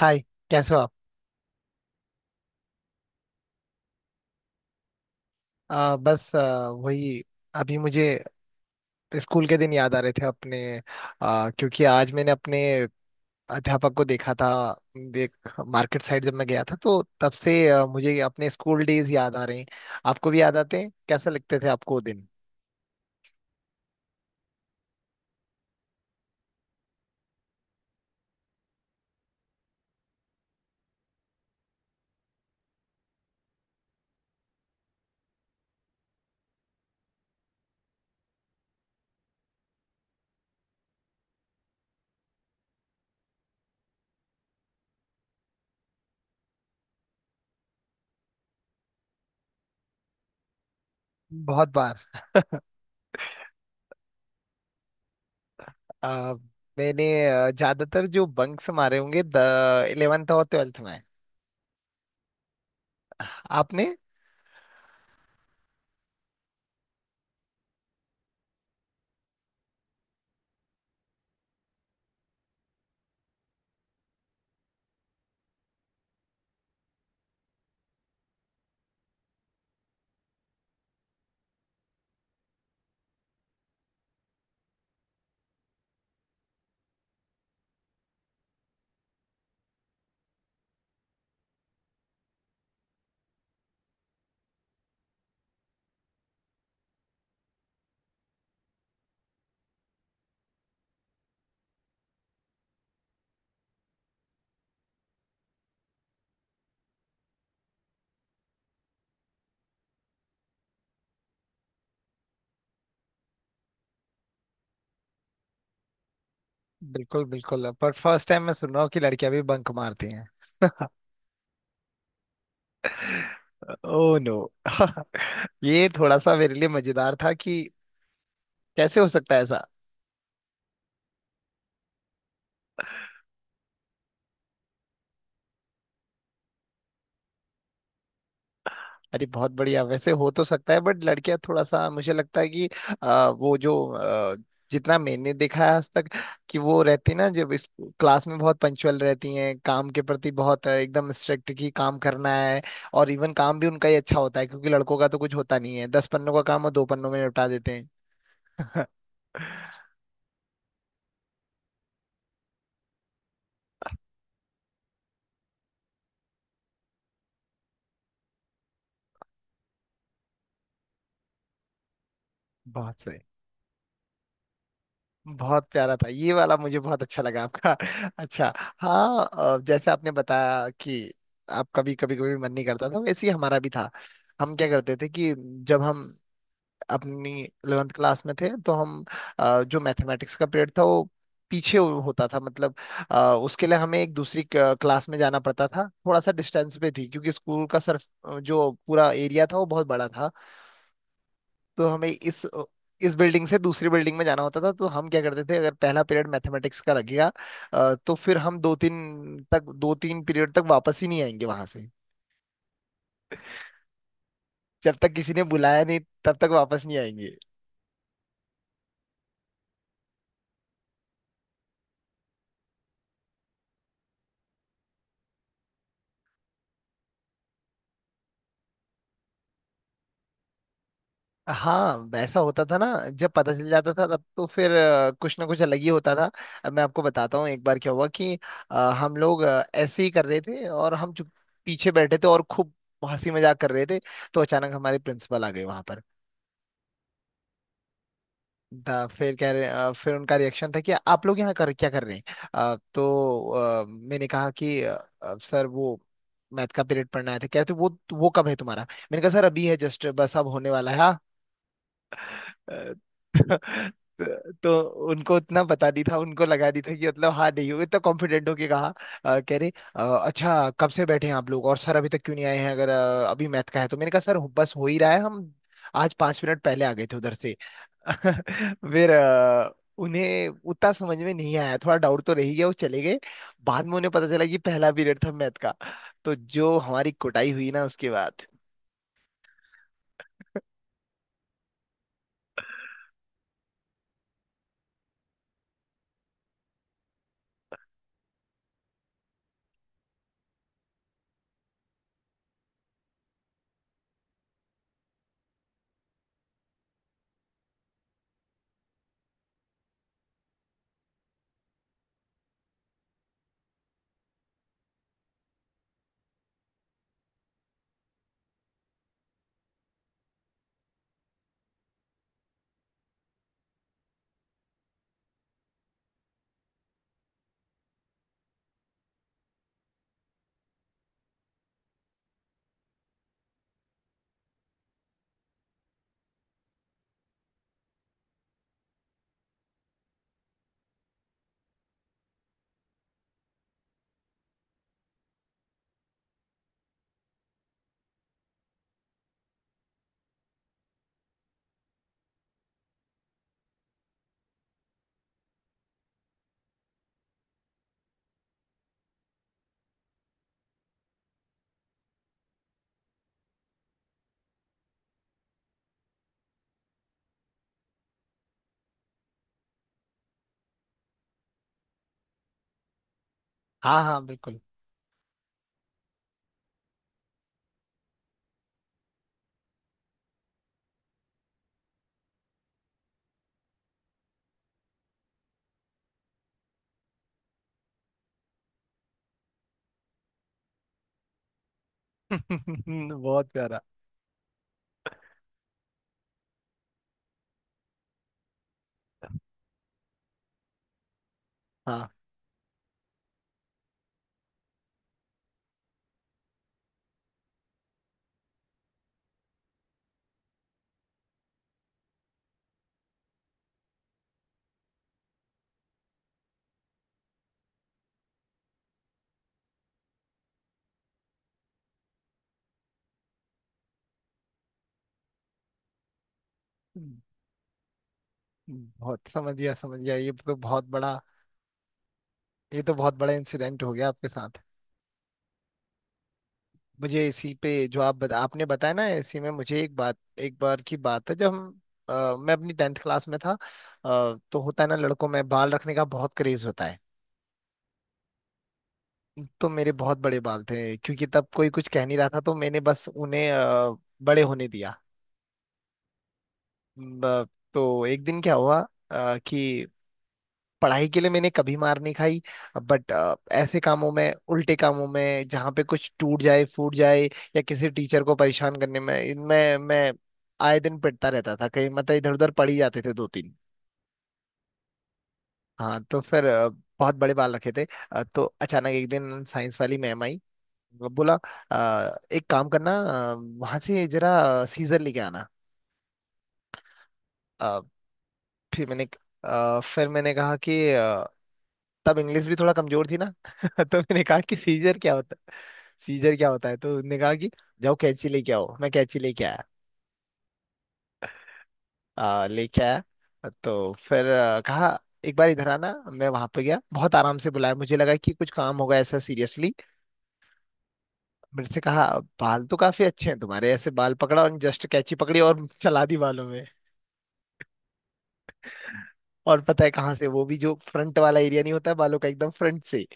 हाय। कैसे हो आप? बस, वही। अभी मुझे स्कूल के दिन याद आ रहे थे अपने, क्योंकि आज मैंने अपने अध्यापक को देखा था। देख मार्केट साइड जब मैं गया था तो तब से मुझे अपने स्कूल डेज याद आ रहे हैं। आपको भी याद आते हैं? कैसे लगते थे आपको वो दिन? बहुत बार। आ, मैंने ज्यादातर जो बंक्स मारे होंगे द इलेवेंथ और ट्वेल्थ में। आपने? बिल्कुल बिल्कुल, पर फर्स्ट टाइम मैं सुन रहा हूँ कि लड़कियां भी बंक मारती हैं। ओ नो ये थोड़ा सा मेरे लिए मजेदार था कि कैसे हो सकता है ऐसा। अरे बहुत बढ़िया, वैसे हो तो सकता है, बट लड़कियां थोड़ा सा मुझे लगता है कि आ, वो जो आ, जितना मैंने देखा है आज तक कि वो रहती ना, जब इस क्लास में बहुत पंक्चुअल रहती हैं, काम के प्रति बहुत एकदम स्ट्रिक्ट, की काम करना है। और इवन काम भी उनका ही अच्छा होता है, क्योंकि लड़कों का तो कुछ होता नहीं है। दस पन्नों का काम और दो पन्नों में निपटा देते हैं बहुत सही। बहुत प्यारा था ये वाला, मुझे बहुत अच्छा लगा आपका अच्छा, हाँ, जैसे आपने बताया कि आप कभी कभी कभी मन नहीं करता था, वैसे ही हमारा भी था। हम क्या करते थे कि जब हम अपनी 11th क्लास में थे, तो हम जो मैथमेटिक्स का पीरियड था वो पीछे होता था। मतलब उसके लिए हमें एक दूसरी क्लास में जाना पड़ता था। थोड़ा सा डिस्टेंस पे थी, क्योंकि स्कूल का सर, जो पूरा एरिया था, वो बहुत बड़ा था। तो हमें इस बिल्डिंग से दूसरी बिल्डिंग में जाना होता था। तो हम क्या करते थे, अगर पहला पीरियड मैथमेटिक्स का लगेगा, तो फिर हम दो तीन पीरियड तक वापस ही नहीं आएंगे वहां से, जब तक किसी ने बुलाया नहीं, तब तक वापस नहीं आएंगे। हाँ, वैसा होता था ना, जब पता चल जाता था तब तो फिर कुछ ना कुछ अलग ही होता था। अब मैं आपको बताता हूँ एक बार क्या हुआ कि हम लोग ऐसे ही कर रहे थे और हम चुप पीछे बैठे थे और खूब हंसी मजाक कर रहे थे। तो अचानक हमारे प्रिंसिपल आ गए वहां पर। था फिर कह रहे, फिर उनका रिएक्शन था कि आप लोग यहाँ कर क्या कर रहे हैं। मैंने कहा कि सर, वो मैथ का पीरियड पढ़ना आया था। कहते वो कब है तुम्हारा? मैंने कहा सर अभी है, जस्ट बस अब होने वाला है। अ, तो उनको इतना बता दी था, उनको लगा दी था कि मतलब हाँ नहीं होगा, इतना कॉन्फिडेंट होके कहा। कह रहे, अच्छा कब से बैठे हैं आप लोग और सर अभी तक क्यों नहीं आए हैं, अगर अभी मैथ का है? तो मैंने कहा सर बस हो ही रहा है, हम आज पांच मिनट पहले आ गए थे उधर से। फिर उन्हें उतना समझ में नहीं आया, थोड़ा डाउट तो रह ही गया, वो चले गए। बाद में उन्हें पता चला कि पहला पीरियड था मैथ का। तो जो हमारी कुटाई हुई ना उसके बाद। हाँ हाँ बिल्कुल बहुत प्यारा। हाँ, बहुत समझ गया समझ गया, ये तो बहुत बड़ा, ये तो बहुत बड़ा इंसिडेंट हो गया आपके साथ। मुझे इसी पे जो आप आपने बताया ना, इसी में मुझे एक बात, एक बार की बात है, जब हम मैं अपनी टेंथ क्लास में था, तो होता है ना, लड़कों में बाल रखने का बहुत क्रेज होता है। तो मेरे बहुत बड़े बाल थे, क्योंकि तब कोई कुछ कह नहीं रहा था, तो मैंने बस उन्हें बड़े होने दिया। ब- तो एक दिन क्या हुआ कि पढ़ाई के लिए मैंने कभी मार नहीं खाई, बट ऐसे कामों में, उल्टे कामों में, जहाँ पे कुछ टूट जाए फूट जाए या किसी टीचर को परेशान करने में, इनमें मैं आए दिन पिटता रहता था। कहीं मतलब इधर उधर पड़ ही जाते थे दो तीन। हाँ, तो फिर बहुत बड़े बाल रखे थे। तो अचानक एक दिन साइंस वाली मैम आई। वो बोला, एक काम करना, अ, वहाँ से जरा सीजर लेके आना। अ, फिर मैंने, फिर मैंने कहा कि तब इंग्लिश भी थोड़ा कमजोर थी ना तो मैंने कहा कि सीजर क्या होता है? सीजर क्या होता है? तो उन्होंने कहा कि जाओ कैंची लेके आओ। मैं कैंची लेके आया, लेके आया। तो फिर कहा एक बार इधर आना। मैं वहां पे गया, बहुत आराम से बुलाया, मुझे लगा कि कुछ काम होगा ऐसा सीरियसली। मेरे से कहा बाल तो काफी अच्छे हैं तुम्हारे, ऐसे बाल पकड़ा और जस्ट कैंची पकड़ी और चला दी बालों में। और पता है कहाँ से? वो भी जो फ्रंट वाला एरिया नहीं होता है बालों का, एकदम फ्रंट से।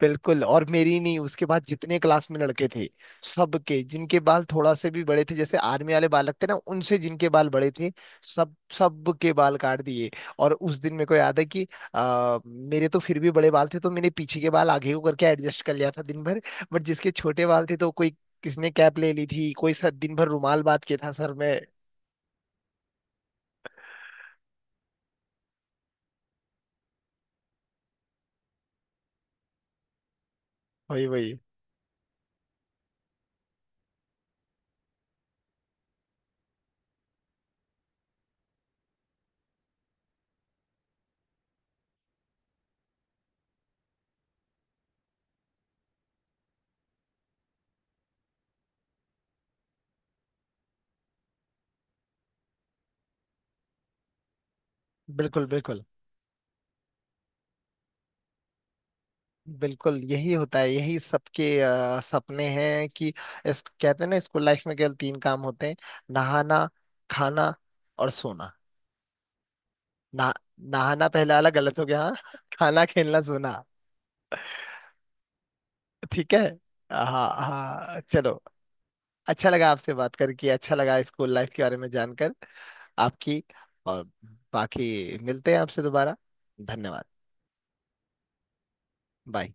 बिल्कुल, और मेरी नहीं, उसके बाद जितने क्लास में लड़के थे, सबके, जिनके बाल थोड़ा से भी बड़े थे, जैसे आर्मी वाले बाल लगते ना, उनसे जिनके बाल बड़े थे, सब सब के बाल काट दिए। और उस दिन मेरे को याद है कि मेरे तो फिर भी बड़े बाल थे, तो मैंने पीछे के बाल आगे को करके एडजस्ट कर लिया था दिन भर। बट जिसके छोटे बाल थे, तो कोई, किसने कैप ले ली थी, कोई सर दिन भर रुमाल बांध के था सर में। वही वही। बिल्कुल बिल्कुल बिल्कुल, यही होता है, यही सबके सपने हैं कि इस, कहते हैं ना स्कूल लाइफ में केवल तीन काम होते हैं। नहाना, खाना और सोना। ना, नहाना पहले वाला गलत हो गया, हाँ खाना खेलना सोना। ठीक है। हाँ, हाँ चलो। अच्छा लगा आपसे बात करके, अच्छा लगा स्कूल लाइफ के बारे में जानकर आपकी। और बाकी मिलते हैं आपसे दोबारा। धन्यवाद। बाय।